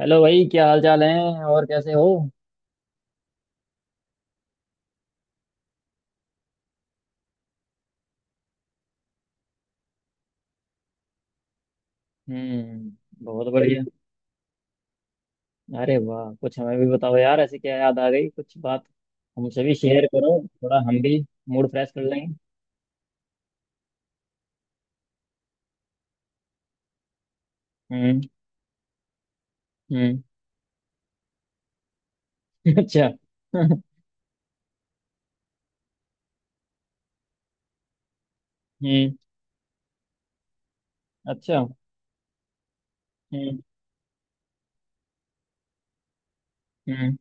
Hello भाई, क्या हाल चाल है और कैसे हो? हम्म, बहुत बढ़िया। अरे वाह, कुछ हमें भी बताओ यार, ऐसी क्या याद आ गई? कुछ बात हमसे भी शेयर करो, थोड़ा हम भी मूड फ्रेश कर लेंगे। हम्म। हम्म। अच्छा। हम्म। अच्छा। हम्म। हम्म।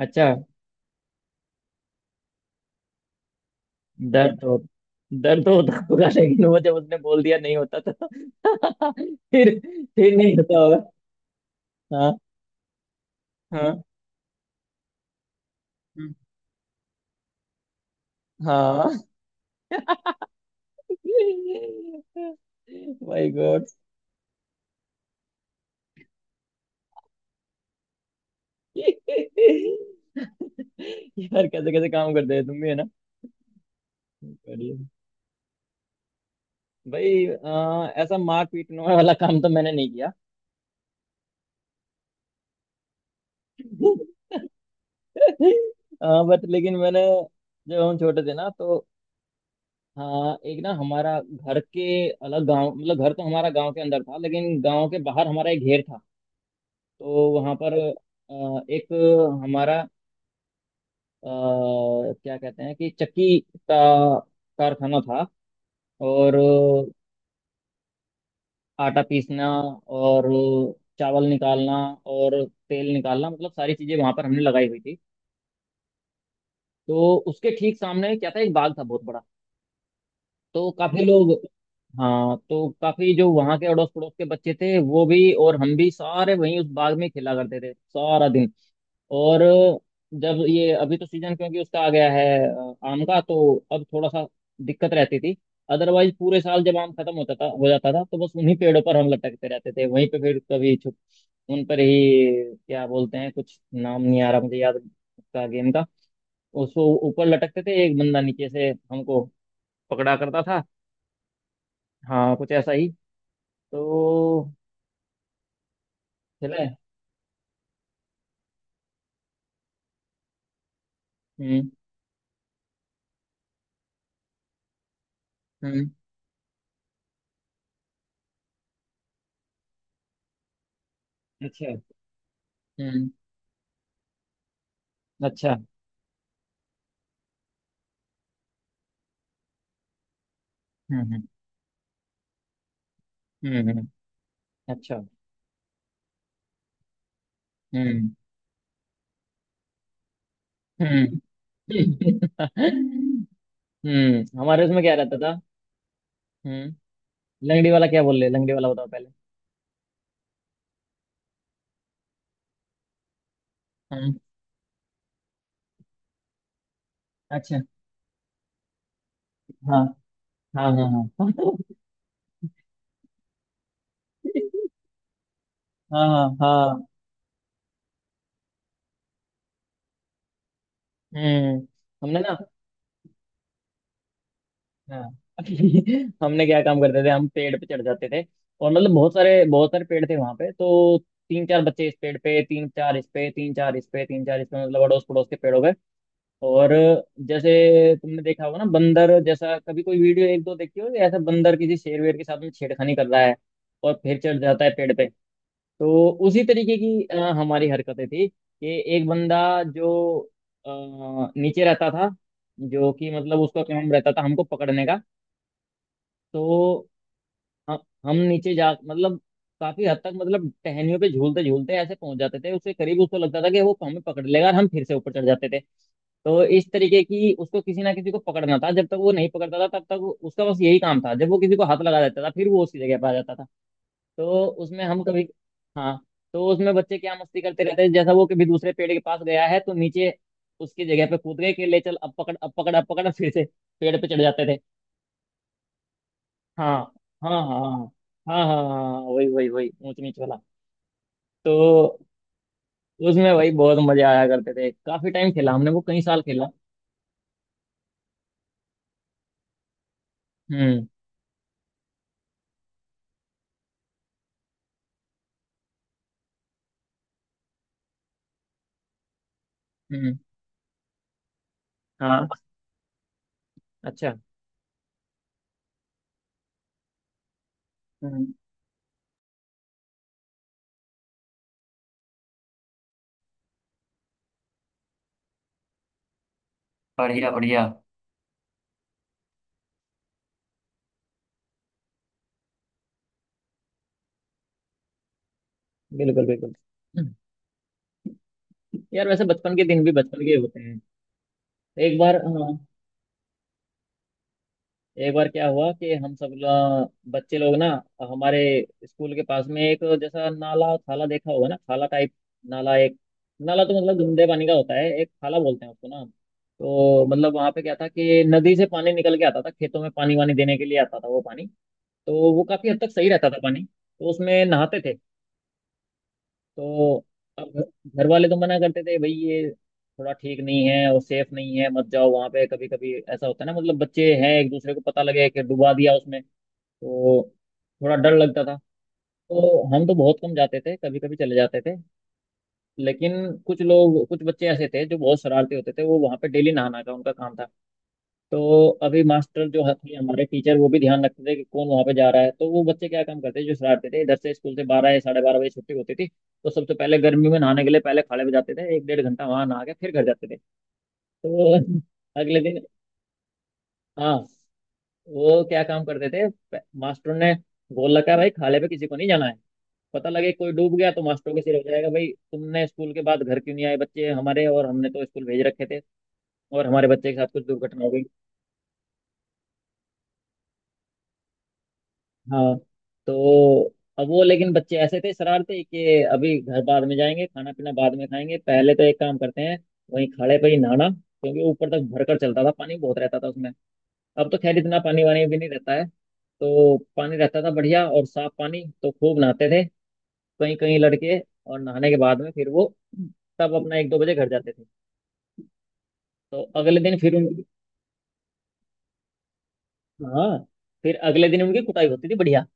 अच्छा। दर्द हो दर्द होता होगा, लेकिन वो जब उसने बोल दिया नहीं होता, तो फिर नहीं होता होगा। हाँ। हाँ। हम्म, हाँ। My God. यार, कैसे कैसे काम करते हैं तुम भी, है ना? बढ़िया। भाई, ऐसा मार पीटने वाला काम तो मैंने नहीं किया। बट लेकिन मैंने, जब हम छोटे थे ना, तो हाँ, एक ना, हमारा घर के अलग गांव, मतलब घर तो हमारा गांव के अंदर था, लेकिन गांव के बाहर हमारा एक घेर था। तो वहां पर एक हमारा, क्या कहते हैं कि चक्की का कारखाना था। और आटा पीसना, और चावल निकालना, और तेल निकालना, मतलब सारी चीजें वहां पर हमने लगाई हुई थी। तो उसके ठीक सामने क्या था, एक बाग था बहुत बड़ा। तो काफी लोग, हाँ, तो काफी, जो वहां के अड़ोस पड़ोस के बच्चे थे, वो भी और हम भी सारे वहीं उस बाग में खेला करते थे सारा दिन। और जब ये अभी तो सीजन, क्योंकि उसका आ गया है, आम का, तो अब थोड़ा सा दिक्कत रहती थी। अदरवाइज पूरे साल, जब आम खत्म होता था, हो जाता था, तो बस उन्हीं पेड़ों पर हम लटकते रहते थे, वहीं पे फिर कभी छुप, उन पर ही, क्या बोलते हैं, कुछ नाम नहीं आ रहा मुझे याद उसका, गेम का। उसको ऊपर लटकते थे, एक बंदा नीचे से हमको पकड़ा करता था। हाँ, कुछ ऐसा ही। तो खेला है। हम्म। हम्म। अच्छा। हम्म। अच्छा। हम्म। हम्म। हम्म। अच्छा। हम्म। हम्म। हम्म। हमारे उसमें क्या रहता था? हम्म। लंगड़ी वाला क्या बोल रहे? लंगड़ी वाला बताओ पहले। हम्म। अच्छा। हाँ हाँ, हाँ, हाँ। हाँ, हाँ, हाँ। हम्म। हमने ना, हाँ। हमने क्या काम करते थे, हम पेड़ पे चढ़ जाते थे। और मतलब बहुत सारे पेड़ थे वहां पे, तो तीन चार बच्चे इस पेड़ पे, तीन चार इस पे, तीन चार इस पे, तीन चार इस पे, मतलब अड़ोस पड़ोस के पेड़ों पे। और जैसे तुमने देखा होगा ना, बंदर जैसा कभी कोई वीडियो एक दो देखी हो, ऐसा बंदर किसी शेर वेर के साथ में छेड़खानी कर रहा है, और फिर चढ़ जाता है पेड़ पे, तो उसी तरीके की हमारी हरकतें थी कि एक बंदा जो अ, नीचे रहता था, जो कि मतलब उसका काम रहता था हमको पकड़ने का। तो हम नीचे जा, मतलब काफी हद तक, मतलब टहनियों पे झूलते झूलते ऐसे पहुंच जाते थे उसके करीब, उसको लगता था कि वो हमें पकड़ लेगा, और हम फिर से ऊपर चढ़ जाते थे। तो इस तरीके की, उसको किसी ना किसी को पकड़ना था, जब तक वो नहीं पकड़ता था तब तक उसका बस यही काम था। जब वो किसी को हाथ लगा देता था, फिर वो उसकी जगह पर आ जाता था। तो उसमें हम कभी, हाँ, तो उसमें बच्चे क्या मस्ती करते रहते थे जैसा, वो कभी दूसरे पेड़ के पास गया है तो नीचे उसकी जगह पे कूद गए कि ले चल अब पकड़ अब पकड़ अब पकड़, फिर से पेड़ पे चढ़ जाते थे। हाँ, हाँ, हाँ। हाँ, हाँ, हाँ। हाँ, हाँ, वही वही वही, ऊंच नीच वाला। तो उसमें वही बहुत मजे आया करते थे, काफी टाइम खेला हमने वो, कई साल खेला। हम्म। हम्म। हाँ, अच्छा। हम्म। बढ़िया बढ़िया। बिल्कुल बिल्कुल। हम्म, यार वैसे बचपन के दिन भी बचपन के होते हैं। एक बार, हाँ, एक बार क्या हुआ कि हम सब बच्चे लोग ना, हमारे स्कूल के पास में एक जैसा नाला, थाला, देखा होगा ना थाला टाइप, नाला, एक नाला तो मतलब गंदे पानी का होता है, एक थाला बोलते हैं उसको ना हम। तो मतलब वहां पे क्या था कि नदी से पानी निकल के आता था, खेतों में पानी वानी देने के लिए आता था वो पानी, तो वो काफी हद तक सही रहता था पानी, तो उसमें नहाते थे। तो अब घर वाले तो मना करते थे, भाई ये थोड़ा ठीक नहीं है और सेफ नहीं है, मत जाओ वहां पे। कभी कभी ऐसा होता है ना, मतलब बच्चे हैं, एक दूसरे को पता लगे कि डुबा दिया उसमें, तो थोड़ा डर लगता था। तो हम तो बहुत कम जाते थे, कभी कभी चले जाते थे। लेकिन कुछ लोग, कुछ बच्चे ऐसे थे जो बहुत शरारती होते थे, वो वहाँ पे डेली नहाना का उनका काम था। तो अभी मास्टर जो थे हमारे टीचर, वो भी ध्यान रखते थे कि कौन वहाँ पे जा रहा है। तो वो बच्चे क्या काम करते जो शरारती थे, इधर से स्कूल से 12 या 12:30 बजे छुट्टी होती थी, तो सबसे पहले गर्मी में नहाने के लिए पहले खाड़े पे जाते थे। एक डेढ़ घंटा वहाँ नहा के फिर घर जाते थे। तो अगले दिन, हाँ, वो क्या काम करते थे, मास्टर ने बोल रखा है भाई खाले पे किसी को नहीं जाना है, पता लगे कोई डूब गया तो मास्टरों के सिर हो जाएगा, भाई तुमने स्कूल के बाद घर क्यों नहीं आए? बच्चे हमारे, और हमने तो स्कूल भेज रखे थे, और हमारे बच्चे के साथ कुछ दुर्घटना हो गई। हाँ, तो अब वो लेकिन बच्चे ऐसे थे शरारते कि अभी घर बाद में जाएंगे, खाना पीना बाद में खाएंगे, पहले तो एक काम करते हैं, वहीं खड़े पे ही नहाना, क्योंकि ऊपर तक भरकर चलता था पानी, बहुत रहता था उसमें। अब तो खैर इतना पानी वानी भी नहीं रहता है, तो पानी रहता था बढ़िया और साफ पानी, तो खूब नहाते थे कहीं कहीं लड़के। और नहाने के बाद में फिर वो तब अपना 1-2 बजे घर जाते थे। तो अगले दिन फिर उनकी, हाँ, फिर अगले दिन उनकी कुटाई होती थी बढ़िया।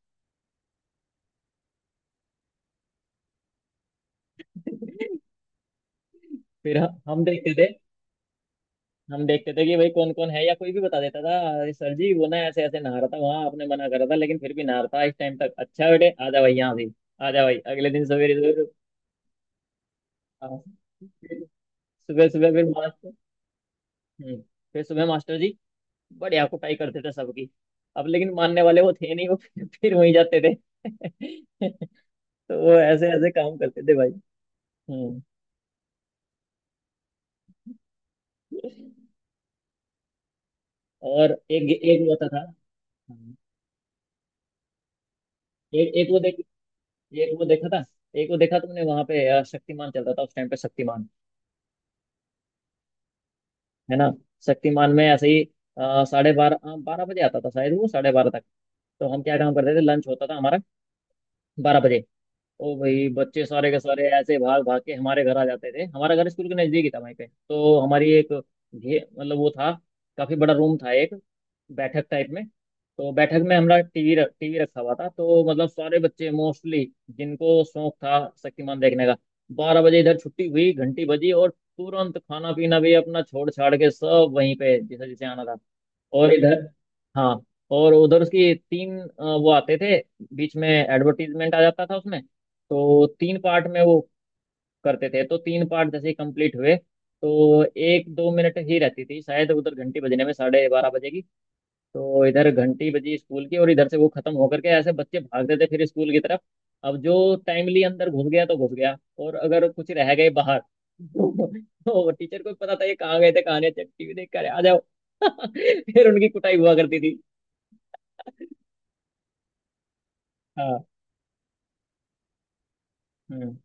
फिर हम देखते थे, हम देखते थे कि भाई कौन कौन है, या कोई भी बता देता था "अरे सर जी वो ना ऐसे ऐसे नहा रहा था वहां, आपने मना करा था लेकिन फिर भी नहा रहा था इस टाइम तक"। अच्छा बेटे आजा भाई यहाँ भी, आजा भाई, अगले दिन सवेरे सवेरे। हाँ, फिर सुबह सुबह फिर मास्टर, हम्म, फिर सुबह मास्टर जी बढ़िया कुटाई करते थे सबकी। अब लेकिन मानने वाले वो थे नहीं, वो फिर वहीं जाते थे। तो वो ऐसे ऐसे काम करते थे भाई। हम्म। और एक एक वो होता था। हम्म। एक एक वो देख एक वो देखा था, एक वो देखा तुमने वहां पे, शक्तिमान चलता था उस टाइम पे। शक्तिमान है ना, शक्तिमान में ऐसे ही साढ़े बारह, बारह बजे आता था शायद वो, 12:30 तक। तो हम क्या काम करते थे, लंच होता था हमारा 12 बजे। ओ भाई, बच्चे सारे के सारे ऐसे भाग भाग के हमारे घर आ जाते थे, हमारा घर स्कूल के नजदीक ही था वहीं पे, तो हमारी एक घे, मतलब वो था काफी बड़ा रूम था एक, बैठक टाइप में, तो बैठक में हमारा टीवी रखा हुआ था। तो मतलब सारे बच्चे मोस्टली, जिनको शौक था शक्तिमान देखने का, 12 बजे इधर छुट्टी हुई घंटी बजी और तुरंत खाना पीना भी अपना छोड़ छाड़ के सब वहीं पे, जैसे जैसे आना था। और इधर, हाँ, और उधर उसकी तीन, वो आते थे, बीच में एडवर्टीजमेंट आ जाता था उसमें, तो तीन पार्ट में वो करते थे। तो तीन पार्ट जैसे ही कंप्लीट हुए, तो 1-2 मिनट ही रहती थी शायद उधर घंटी बजने में, 12:30 बजे की। तो इधर घंटी बजी स्कूल की, और इधर से वो खत्म होकर के ऐसे बच्चे भागते थे फिर स्कूल की तरफ। अब जो टाइमली अंदर घुस गया तो घुस गया, और अगर कुछ रह गए बाहर, तो तो टीचर को भी पता था ये कहाँ गए थे कहाँ नहीं, टीवी देख कर आ जाओ। फिर उनकी कुटाई हुआ करती थी। हाँ। हम्म।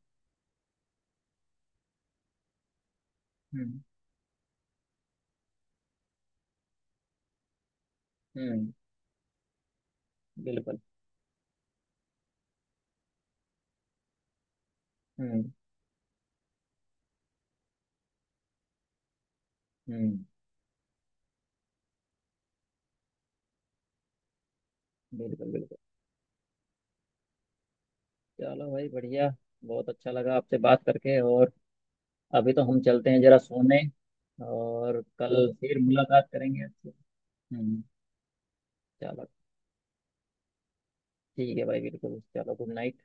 हम्म। हम्म, बिल्कुल। हम्म। हम्म। बिल्कुल बिल्कुल। चलो भाई, बढ़िया, बहुत अच्छा लगा आपसे बात करके, और अभी तो हम चलते हैं जरा सोने, और कल फिर मुलाकात करेंगे आपसे। हम्म। चलो, ठीक है भाई, बिल्कुल। चलो, गुड नाइट।